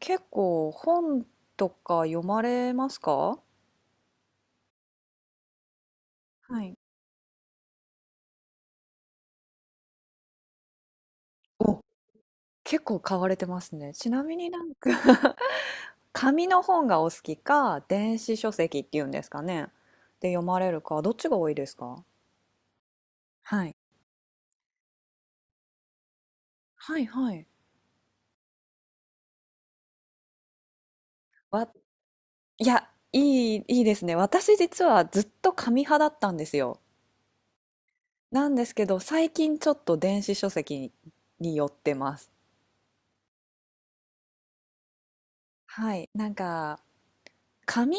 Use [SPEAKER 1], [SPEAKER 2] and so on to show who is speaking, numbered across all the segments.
[SPEAKER 1] 結構本とか読まれますか？はい。お、結構買われてますね。ちなみに紙の本がお好きか、電子書籍っていうんですかね。で読まれるか、どっちが多いですか？はい。はいはい。わ、いや、いいですね。私実はずっと紙派だったんですよ。なんですけど、最近ちょっと電子書籍に寄ってます。はい。紙、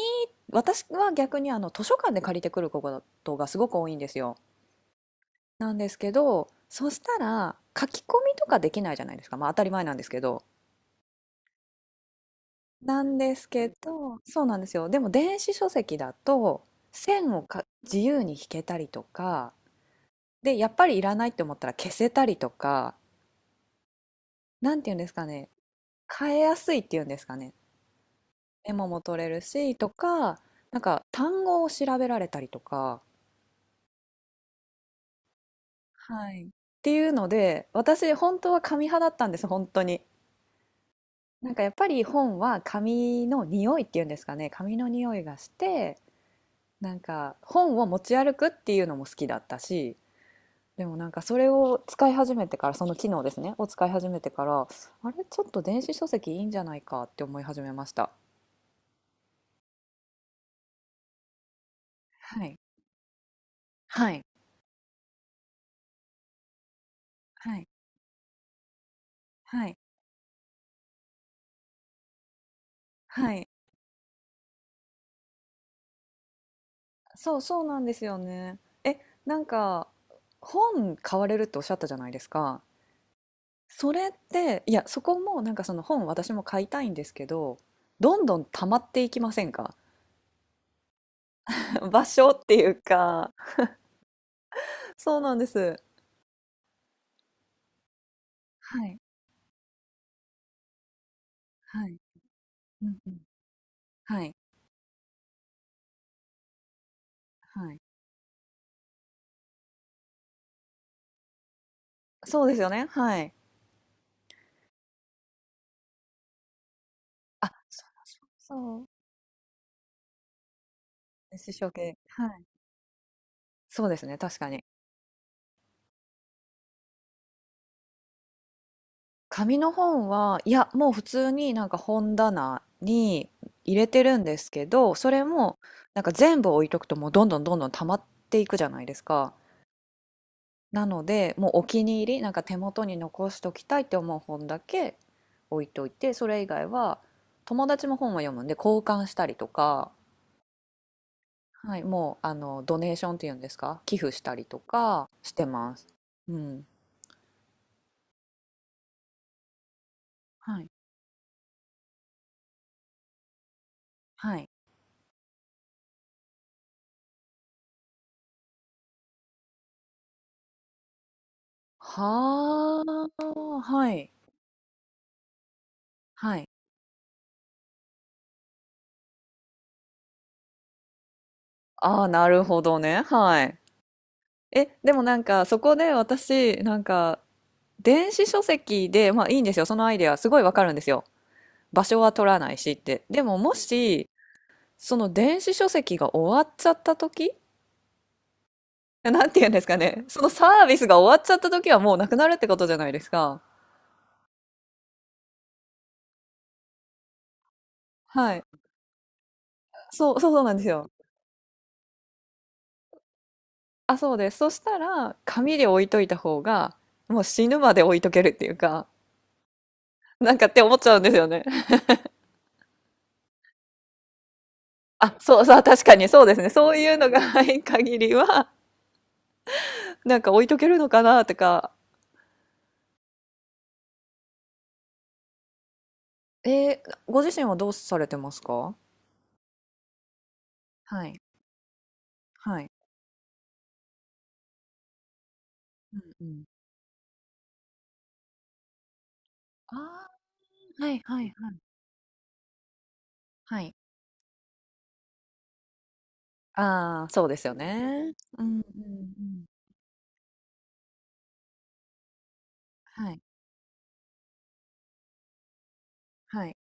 [SPEAKER 1] 私は逆に図書館で借りてくることがすごく多いんですよ。なんですけど、そしたら書き込みとかできないじゃないですか。まあ当たり前なんですけど。なんですけど、そうなんですよ。でも電子書籍だと線をか自由に引けたりとか、で、やっぱりいらないって思ったら消せたりとか、なんていうんですかね、変えやすいっていうんですかね。メモも取れるしとか、単語を調べられたりとか、はい。っていうので、私本当は紙派だったんです、本当に。やっぱり本は紙の匂いっていうんですかね、紙の匂いがして、本を持ち歩くっていうのも好きだったし、でもそれを使い始めてから、その機能ですね、を使い始めてから、あれ、ちょっと電子書籍いいんじゃないかって思い始めました。はい。はい。はい。はい。はい。そうそうなんですよね。え、なんか本買われるっておっしゃったじゃないですか。それって、いや、そこもその本私も買いたいんですけど、どんどん溜まっていきませんか？ 場所っていうか、そうなんです。はい、はい、うんうん、はい、はい。そうですよね、はい。あ、そうそうそう。師生系。はい。そうですね、確かに。紙の本は、いや、もう普通に本棚に入れてるんですけど、それも全部置いとくともうどんどんどんどん溜まっていくじゃないですか。なので、もうお気に入り、手元に残しときたいって思う本だけ置いといて、それ以外は友達も本を読むんで交換したりとか、はい、もうドネーションっていうんですか、寄付したりとかしてます。うん。はい。はい。はあ、はい。はい。ああ、なるほどね。はい。え、でもそこで私、電子書籍で、まあいいんですよ。そのアイデアすごいわかるんですよ。場所は取らないしって。でももし、その電子書籍が終わっちゃった時なんて言うんですかね。そのサービスが終わっちゃった時はもうなくなるってことじゃないですか。はい。そう、そうなんですよ。あ、そうです。そしたら、紙で置いといた方が、もう死ぬまで置いとけるっていうか、なんかって思っちゃうんですよね。あ、そうそう、確かにそうですね。そういうのがない限りは、置いとけるのかなとか。ご自身はどうされてますか？はい。はい。うんうん。ああ。はいはいはい。はい。ああ、そうですよね。うんうんうん。はい。はい。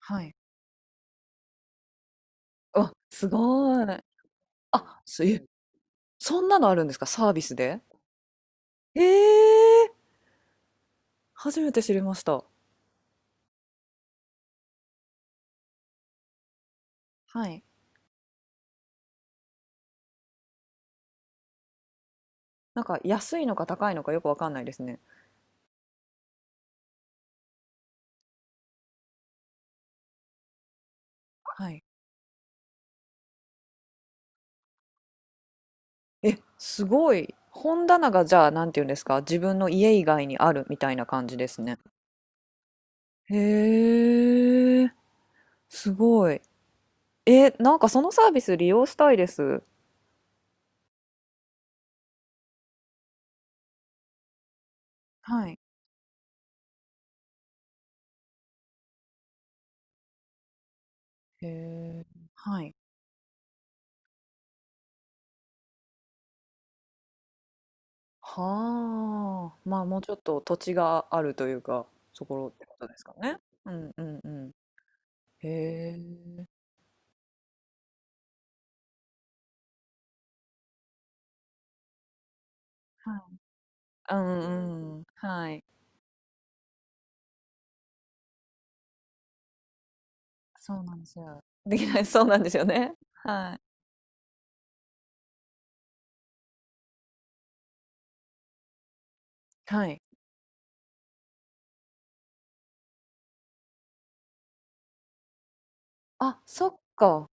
[SPEAKER 1] はい。あ、すごい。あ、すえ、そんなのあるんですか？サービスで？ええ、初めて知りました。はい。安いのか高いのかよくわかんないですね。はい。え、すごい。本棚がじゃあ、なんて言うんですか、自分の家以外にあるみたいな感じですね。へえ、すごい。え、そのサービス利用したいです。はい。へえ、はい。はあ、まあもうちょっと土地があるというか、そころってことですかね。うんうんうん。へえ。はい。うんうん。はい。そうなんですよ。できない、そうなんですよね。はい。はい。あ、そっか。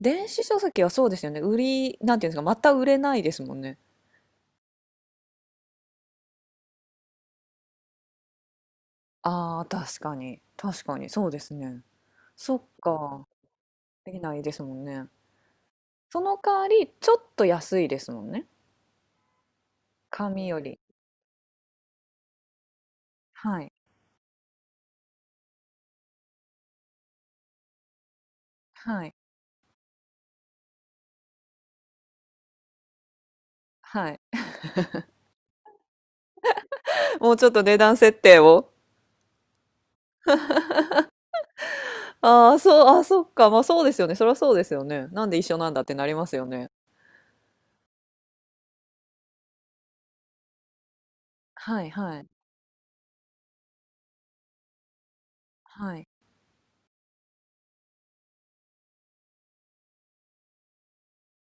[SPEAKER 1] 電子書籍はそうですよね。売り、なんていうんですか、また売れないですもんね。ああ、確かに。確かに。そうですね。そっか。できないですもんね。その代わり、ちょっと安いですもんね。紙より。はい。はい。はい。もうちょっと値段設定を。ああ、そう、あー、そっか。まあそうですよね。そりゃそうですよね。なんで一緒なんだってなりますよね。はいはいはい。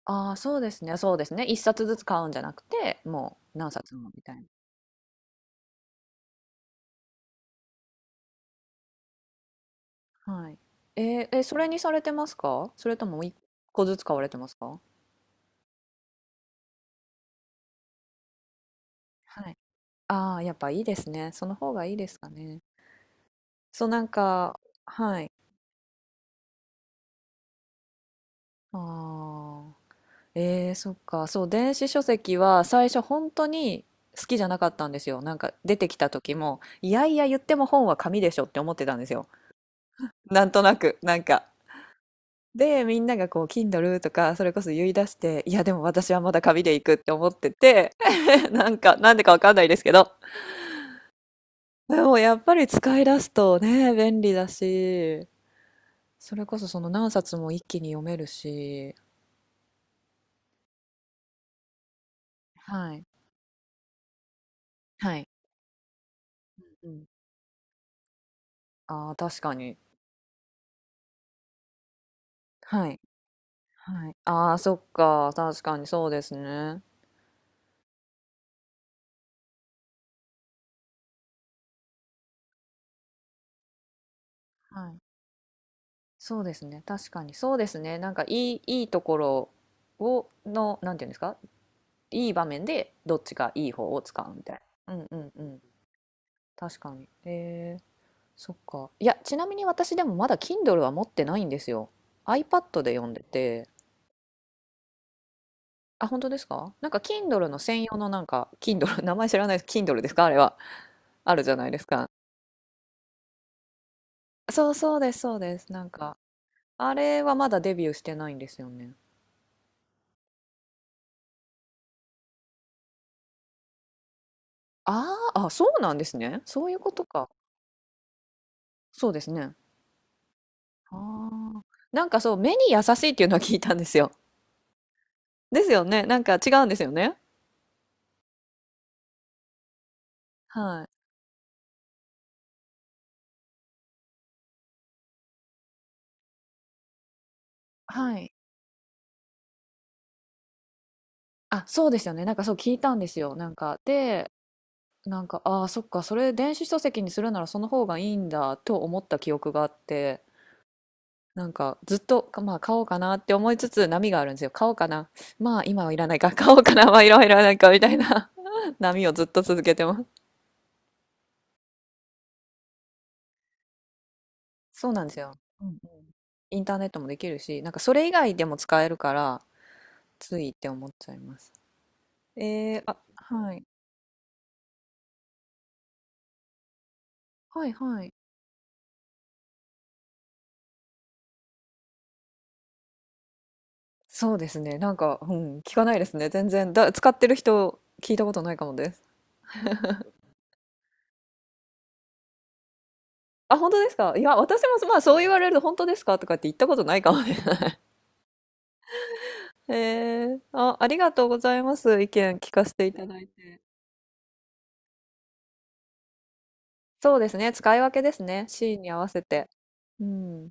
[SPEAKER 1] ああ、そうですね、そうですね。一冊ずつ買うんじゃなくて、もう何冊もみたいな。はい。えーえ、それにされてますか？それとも一個ずつ買われてますか？はい。ああ、やっぱいいですね。その方がいいですかね。そう、はい。ああ。ええそっか。そう、電子書籍は最初本当に好きじゃなかったんですよ。出てきた時も、いやいや言っても本は紙でしょって思ってたんですよ。なんとなく、で、みんながこう、Kindle とか、それこそ言い出して、いや、でも私はまだ紙で行くって思ってて、なんでかわかんないですけど。でもやっぱり使い出すとね、便利だし、それこそその何冊も一気に読めるし、はい。はい。うん。ああ、確かに。はい。はい。ああ、そっか。確かにそうですね。はい。そうですね。確かにそうですね。いいところを、の、なんていうんですか、いい場面でどっちがいい方を使うみたいな。うんうんうん。確かに。そっか。いや、ちなみに私でもまだ Kindle は持ってないんですよ。iPad で読んでて。あ、本当ですか？Kindle の専用のKindle、名前知らないです。Kindle ですかあれは。あるじゃないですか。そうそうです、そうです。あれはまだデビューしてないんですよね。ああ、あ、そうなんですね。そういうことか。そうですね。ああ。目に優しいっていうのは聞いたんですよ。ですよね。違うんですよね。はい。はい。あ、そうですよね。そう聞いたんですよ。で、ああ、そっか、それ電子書籍にするならその方がいいんだと思った記憶があって、ずっと、かまあ買おうかなって思いつつ波があるんですよ。買おうかな。まあ今はいらないか。買おうかな。まあいろいろないかみたいな 波をずっと続けてます。そうなんですよ。うんうん。インターネットもできるし、それ以外でも使えるから、ついって思っちゃいます。えー、あ、はい。はいはい。そうですね。うん、聞かないですね。全然。だ、使ってる人、聞いたことないかもです。あ、本当ですか？いや、私も、まあ、そう言われると、本当ですかとかって言ったことないかもね。えー、あ、ありがとうございます。意見聞かせていただいて。そうですね。使い分けですね。シーンに合わせて。うん。